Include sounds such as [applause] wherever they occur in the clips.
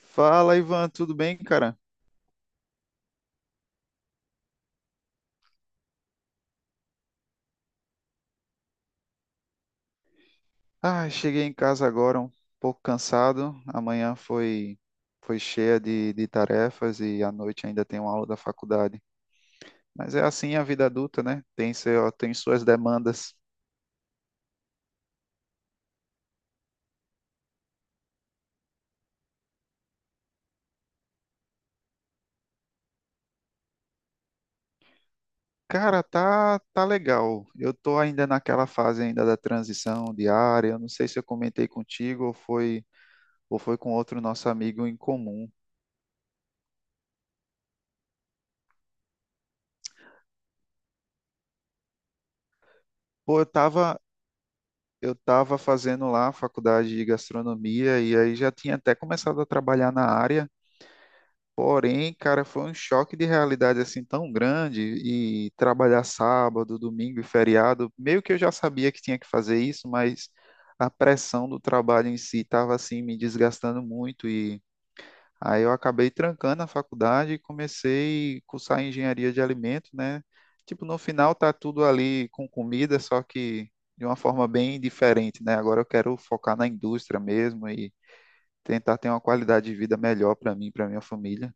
Fala, Ivan, tudo bem, cara? Ah, cheguei em casa agora um pouco cansado. Amanhã foi cheia de tarefas e à noite ainda tem uma aula da faculdade. Mas é assim a vida adulta, né? Tem tem suas demandas. Cara, tá legal. Eu tô ainda naquela fase ainda da transição diária. Eu não sei se eu comentei contigo ou foi com outro nosso amigo em comum. Pô, eu tava. Eu estava fazendo lá a faculdade de gastronomia e aí já tinha até começado a trabalhar na área. Porém, cara, foi um choque de realidade assim tão grande e trabalhar sábado, domingo e feriado, meio que eu já sabia que tinha que fazer isso, mas a pressão do trabalho em si estava assim me desgastando muito e aí eu acabei trancando a faculdade e comecei a cursar engenharia de alimentos, né? Tipo, no final tá tudo ali com comida, só que de uma forma bem diferente, né? Agora eu quero focar na indústria mesmo e tentar ter uma qualidade de vida melhor para mim, para minha família.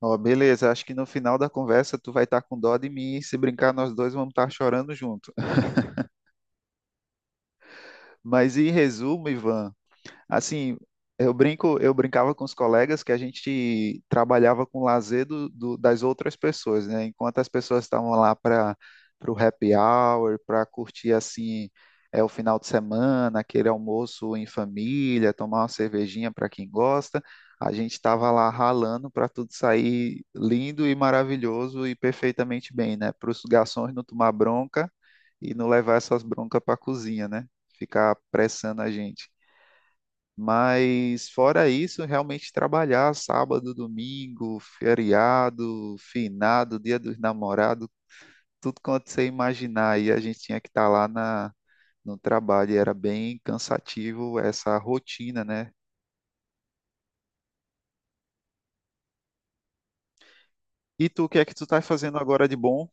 Ó, beleza, acho que no final da conversa tu vai estar com dó de mim e se brincar nós dois vamos estar chorando junto. [laughs] Mas em resumo, Ivan, assim, eu brincava com os colegas que a gente trabalhava com o lazer das outras pessoas, né? Enquanto as pessoas estavam lá para o happy hour, para curtir assim, é, o final de semana, aquele almoço em família, tomar uma cervejinha para quem gosta, a gente estava lá ralando para tudo sair lindo e maravilhoso e perfeitamente bem, né? Para os garçons não tomar bronca e não levar essas broncas para a cozinha, né? Ficar pressando a gente. Mas fora isso, realmente trabalhar sábado, domingo, feriado, finado, dia dos namorados, tudo quanto você imaginar. E a gente tinha que estar no trabalho. E era bem cansativo essa rotina, né? E tu, o que é que tu tá fazendo agora de bom?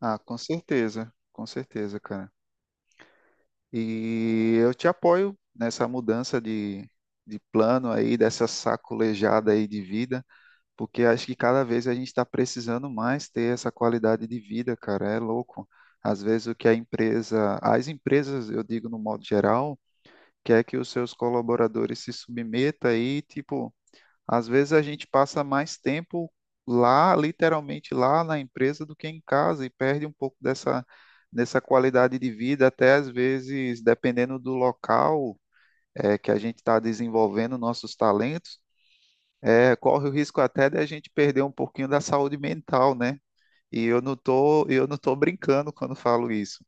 Ah, com certeza, cara. E eu te apoio nessa mudança de plano aí, dessa sacolejada aí de vida, porque acho que cada vez a gente está precisando mais ter essa qualidade de vida, cara. É louco. Às vezes o que as empresas, eu digo no modo geral, quer que os seus colaboradores se submetam e, tipo, às vezes a gente passa mais tempo lá, literalmente lá na empresa do que em casa e perde um pouco dessa qualidade de vida, até às vezes, dependendo do local. Que a gente está desenvolvendo nossos talentos, é, corre o risco até de a gente perder um pouquinho da saúde mental, né? E eu não tô brincando quando falo isso.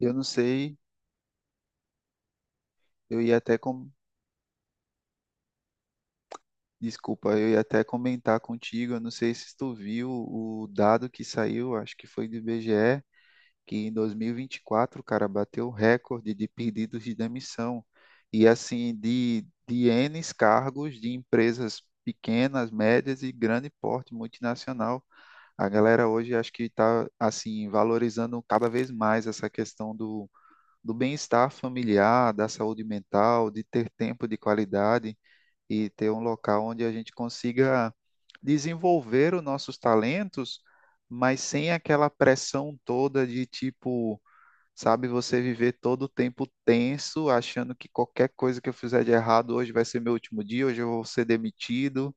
Eu não sei, eu ia até com, desculpa, eu ia até comentar contigo, eu não sei se tu viu o dado que saiu, acho que foi do IBGE, que em 2024, cara, bateu o recorde de pedidos de demissão. E assim, de N cargos de empresas pequenas, médias e grande porte multinacional. A galera hoje acho que está assim valorizando cada vez mais essa questão do bem-estar familiar, da saúde mental, de ter tempo de qualidade e ter um local onde a gente consiga desenvolver os nossos talentos, mas sem aquela pressão toda de tipo, sabe, você viver todo o tempo tenso, achando que qualquer coisa que eu fizer de errado hoje vai ser meu último dia, hoje eu vou ser demitido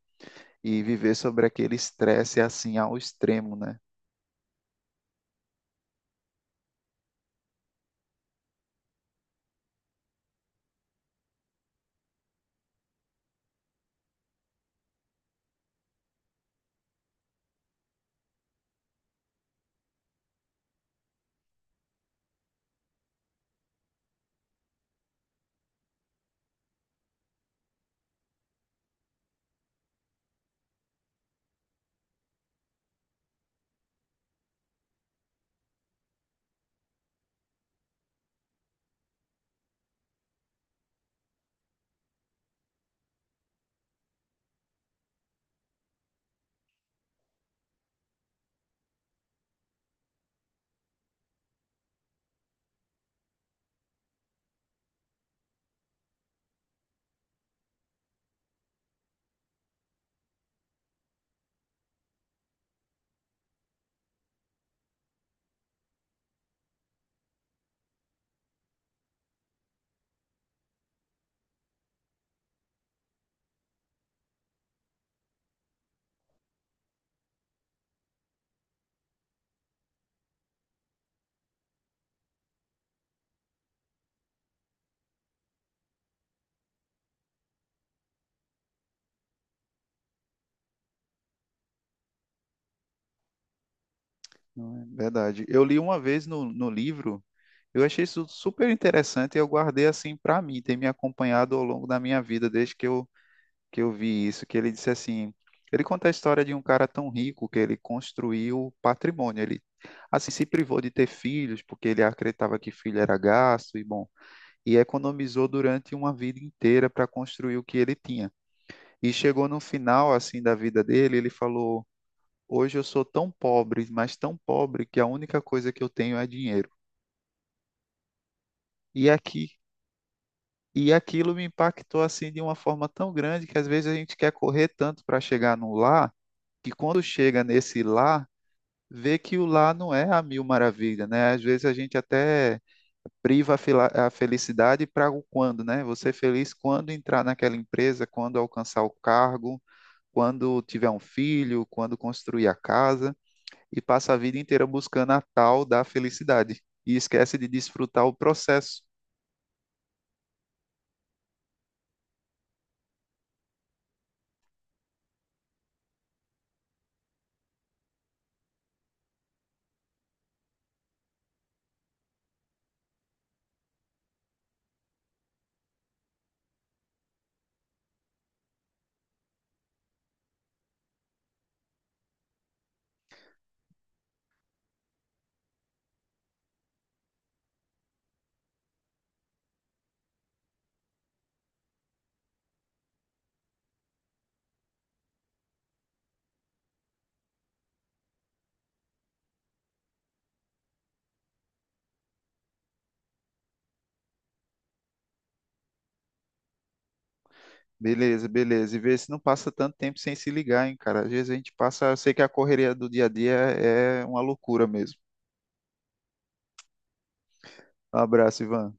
e viver sobre aquele estresse é assim ao extremo, né? Não é verdade. Eu li uma vez no livro, eu achei isso super interessante e eu guardei assim para mim, tem me acompanhado ao longo da minha vida, desde que eu vi isso, que ele disse assim, ele conta a história de um cara tão rico que ele construiu patrimônio, ele assim se privou de ter filhos porque ele acreditava que filho era gasto e bom, e economizou durante uma vida inteira para construir o que ele tinha. E chegou no final assim da vida dele, ele falou: "Hoje eu sou tão pobre, mas tão pobre que a única coisa que eu tenho é dinheiro". E aqui e aquilo me impactou assim de uma forma tão grande que às vezes a gente quer correr tanto para chegar no lá, que quando chega nesse lá, vê que o lá não é a mil maravilha, né? Às vezes a gente até a felicidade para o quando, né? Você é feliz quando entrar naquela empresa, quando alcançar o cargo, quando tiver um filho, quando construir a casa, e passa a vida inteira buscando a tal da felicidade e esquece de desfrutar o processo. Beleza, beleza. E vê se não passa tanto tempo sem se ligar, hein, cara. Às vezes a gente passa, eu sei que a correria do dia a dia é uma loucura mesmo. Um abraço, Ivan.